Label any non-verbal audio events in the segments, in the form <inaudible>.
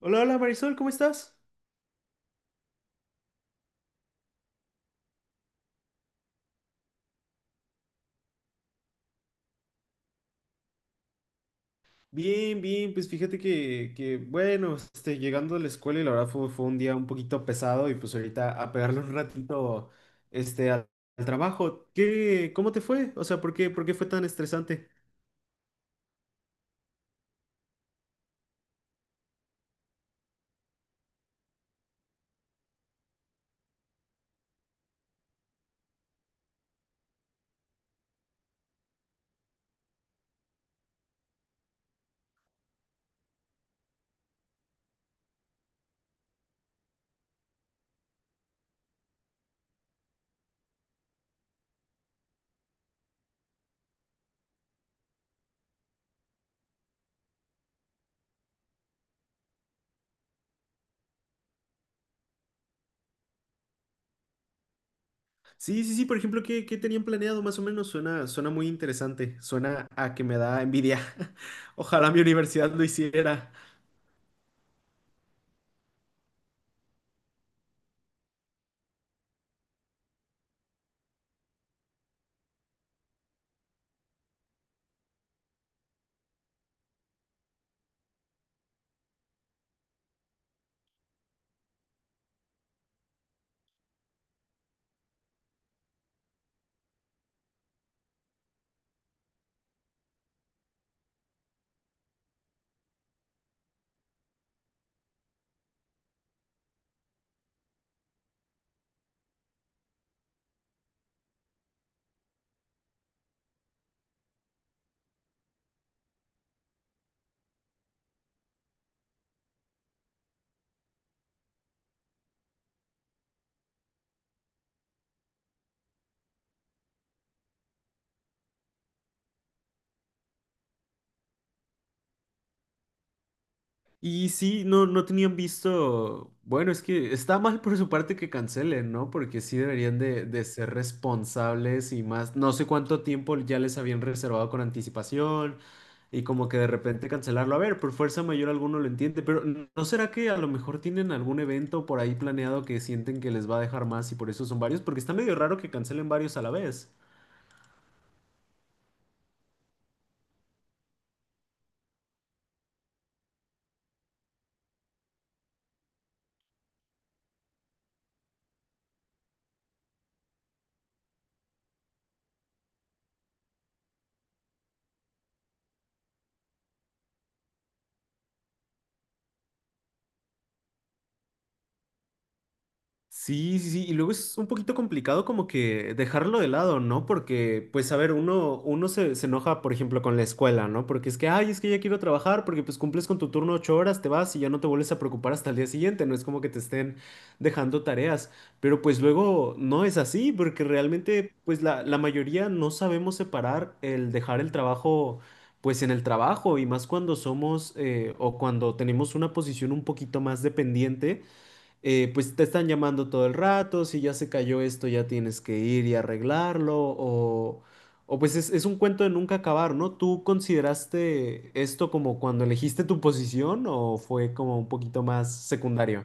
Hola, hola Marisol, ¿cómo estás? Bien, bien, pues fíjate bueno, este, llegando a la escuela y la verdad fue un día un poquito pesado y pues ahorita a pegarle un ratito, este, al, al trabajo. ¿ Cómo te fue? O sea, ¿ por qué fue tan estresante? Sí, sí, sí, por ejemplo, ¿ qué tenían planeado más o menos? Suena, suena muy interesante, suena a que me da envidia. <laughs> Ojalá mi universidad lo hiciera. Y sí, no, no tenían visto, bueno, es que está mal por su parte que cancelen, ¿no? Porque sí deberían de ser responsables y más, no sé cuánto tiempo ya les habían reservado con anticipación y como que de repente cancelarlo. A ver, por fuerza mayor alguno lo entiende, pero ¿no será que a lo mejor tienen algún evento por ahí planeado que sienten que les va a dejar más y por eso son varios? Porque está medio raro que cancelen varios a la vez. Sí, sí, sí, y luego es un poquito complicado como que dejarlo de lado, ¿no? Porque, pues, a ver, uno se enoja, por ejemplo, con la escuela, ¿no? Porque es que, ay, es que ya quiero trabajar, porque pues cumples con tu turno 8 horas, te vas y ya no te vuelves a preocupar hasta el día siguiente, no es como que te estén dejando tareas, pero pues luego no es así, porque realmente, pues, la mayoría no sabemos separar el dejar el trabajo. Pues en el trabajo y más cuando somos o cuando tenemos una posición un poquito más dependiente, pues te están llamando todo el rato, si ya se cayó esto ya tienes que ir y arreglarlo, o pues es un cuento de nunca acabar, ¿no? ¿Tú consideraste esto como cuando elegiste tu posición o fue como un poquito más secundario?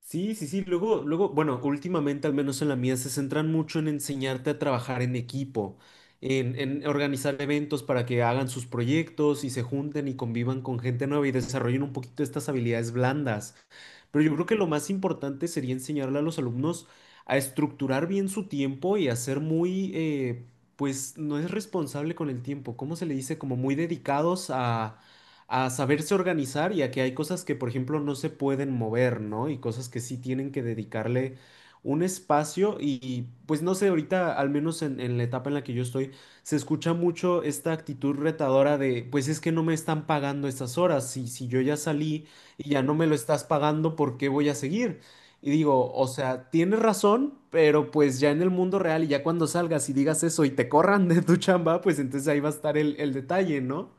Sí, sí, sí. Luego, luego, bueno, últimamente, al menos en la mía, se centran mucho en enseñarte a trabajar en equipo, en organizar eventos para que hagan sus proyectos y se junten y convivan con gente nueva y desarrollen un poquito estas habilidades blandas. Pero yo creo que lo más importante sería enseñarle a los alumnos a estructurar bien su tiempo y a ser muy, pues, no es responsable con el tiempo. ¿Cómo se le dice? Como muy dedicados a saberse organizar y a que hay cosas que, por ejemplo, no se pueden mover, ¿no? Y cosas que sí tienen que dedicarle un espacio y, pues no sé, ahorita, al menos en la etapa en la que yo estoy, se escucha mucho esta actitud retadora de, pues es que no me están pagando estas horas, si yo ya salí y ya no me lo estás pagando, ¿por qué voy a seguir? Y digo, o sea, tienes razón, pero pues ya en el mundo real y ya cuando salgas y digas eso y te corran de tu chamba, pues entonces ahí va a estar el detalle, ¿no?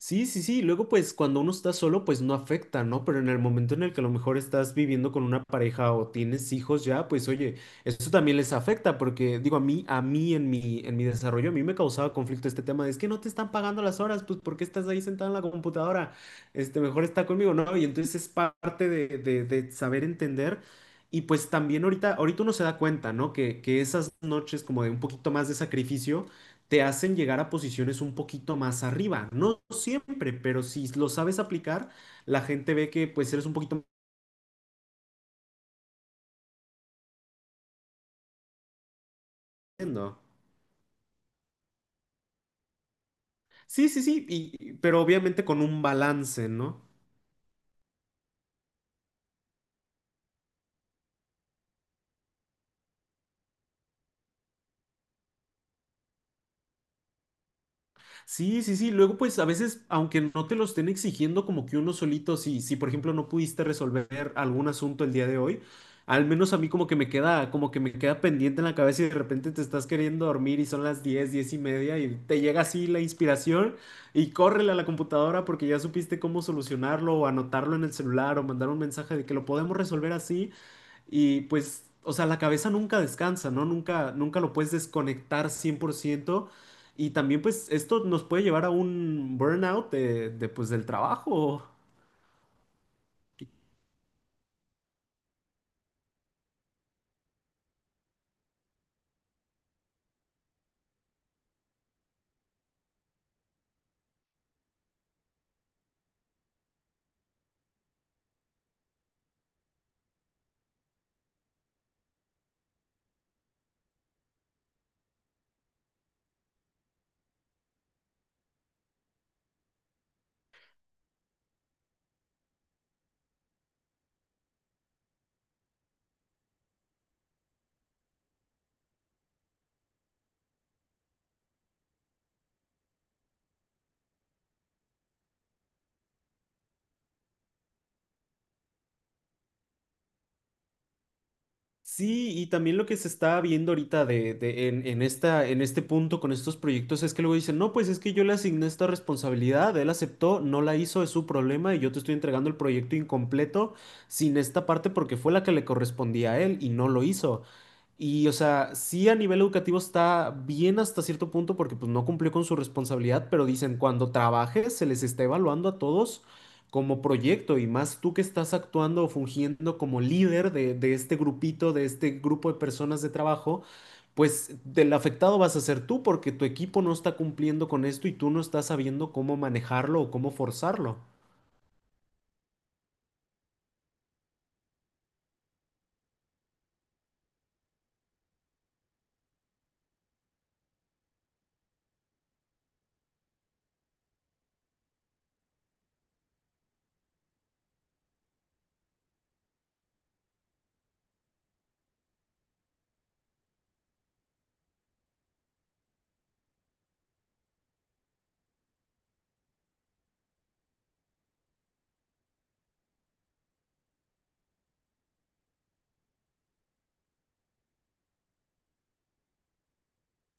Sí, sí, sí. Luego, pues cuando uno está solo, pues no afecta, ¿no? Pero en el momento en el que a lo mejor estás viviendo con una pareja o tienes hijos ya, pues oye, eso también les afecta porque digo, a mí en mi desarrollo, a mí me causaba conflicto este tema de es que no te están pagando las horas, pues ¿por qué estás ahí sentado en la computadora? Este, mejor está conmigo, ¿no? Y entonces es parte de saber entender. Y pues también ahorita, ahorita uno se da cuenta, ¿no? Que esas noches como de un poquito más de sacrificio te hacen llegar a posiciones un poquito más arriba. No siempre, pero si lo sabes aplicar, la gente ve que pues eres un poquito más... bueno. Sí, sí, sí, y- pero obviamente con un balance, ¿no? Sí, sí, sí. Luego, pues a veces, aunque no te lo estén exigiendo, como que uno solito, si por ejemplo no pudiste resolver algún asunto el día de hoy, al menos a mí como que me queda, como que me queda pendiente en la cabeza y de repente te estás queriendo dormir y son las 10, 10:30 y te llega así la inspiración y córrele a la computadora porque ya supiste cómo solucionarlo o anotarlo en el celular o mandar un mensaje de que lo podemos resolver así. Y pues, o sea, la cabeza nunca descansa, ¿no? Nunca, nunca lo puedes desconectar 100%. Y también, pues, esto nos puede llevar a un burnout pues, del trabajo. Sí, y también lo que se está viendo ahorita en esta, en este punto con estos proyectos es que luego dicen, no, pues es que yo le asigné esta responsabilidad, él aceptó, no la hizo, es su problema y yo te estoy entregando el proyecto incompleto sin esta parte porque fue la que le correspondía a él y no lo hizo. Y, o sea, sí a nivel educativo está bien hasta cierto punto porque pues no cumplió con su responsabilidad, pero dicen, cuando trabajes se les está evaluando a todos como proyecto y más tú que estás actuando o fungiendo como líder de este grupito, de este grupo de personas de trabajo, pues del afectado vas a ser tú porque tu equipo no está cumpliendo con esto y tú no estás sabiendo cómo manejarlo o cómo forzarlo.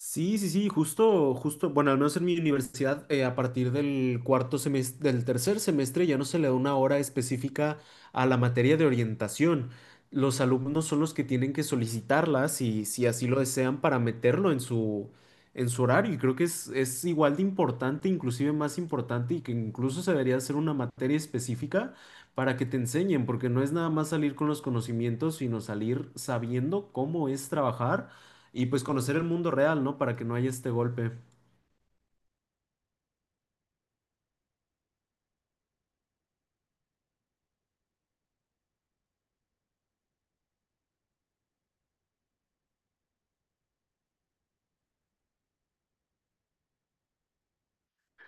Sí, sí, sí, justo, justo, bueno, al menos en mi universidad, a partir del cuarto semestre, del tercer semestre, ya no se le da una hora específica a la materia de orientación. Los alumnos son los que tienen que solicitarla, si así lo desean, para meterlo en su horario. Y creo que es igual de importante, inclusive más importante, y que incluso se debería hacer una materia específica para que te enseñen, porque no es nada más salir con los conocimientos, sino salir sabiendo cómo es trabajar y pues conocer el mundo real, ¿no? Para que no haya este golpe.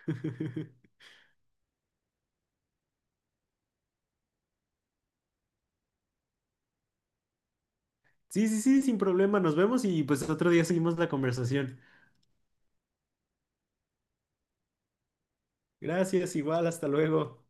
<laughs> Sí, sí, sí, sin problema. Nos vemos y pues otro día seguimos la conversación. Gracias, igual, hasta luego.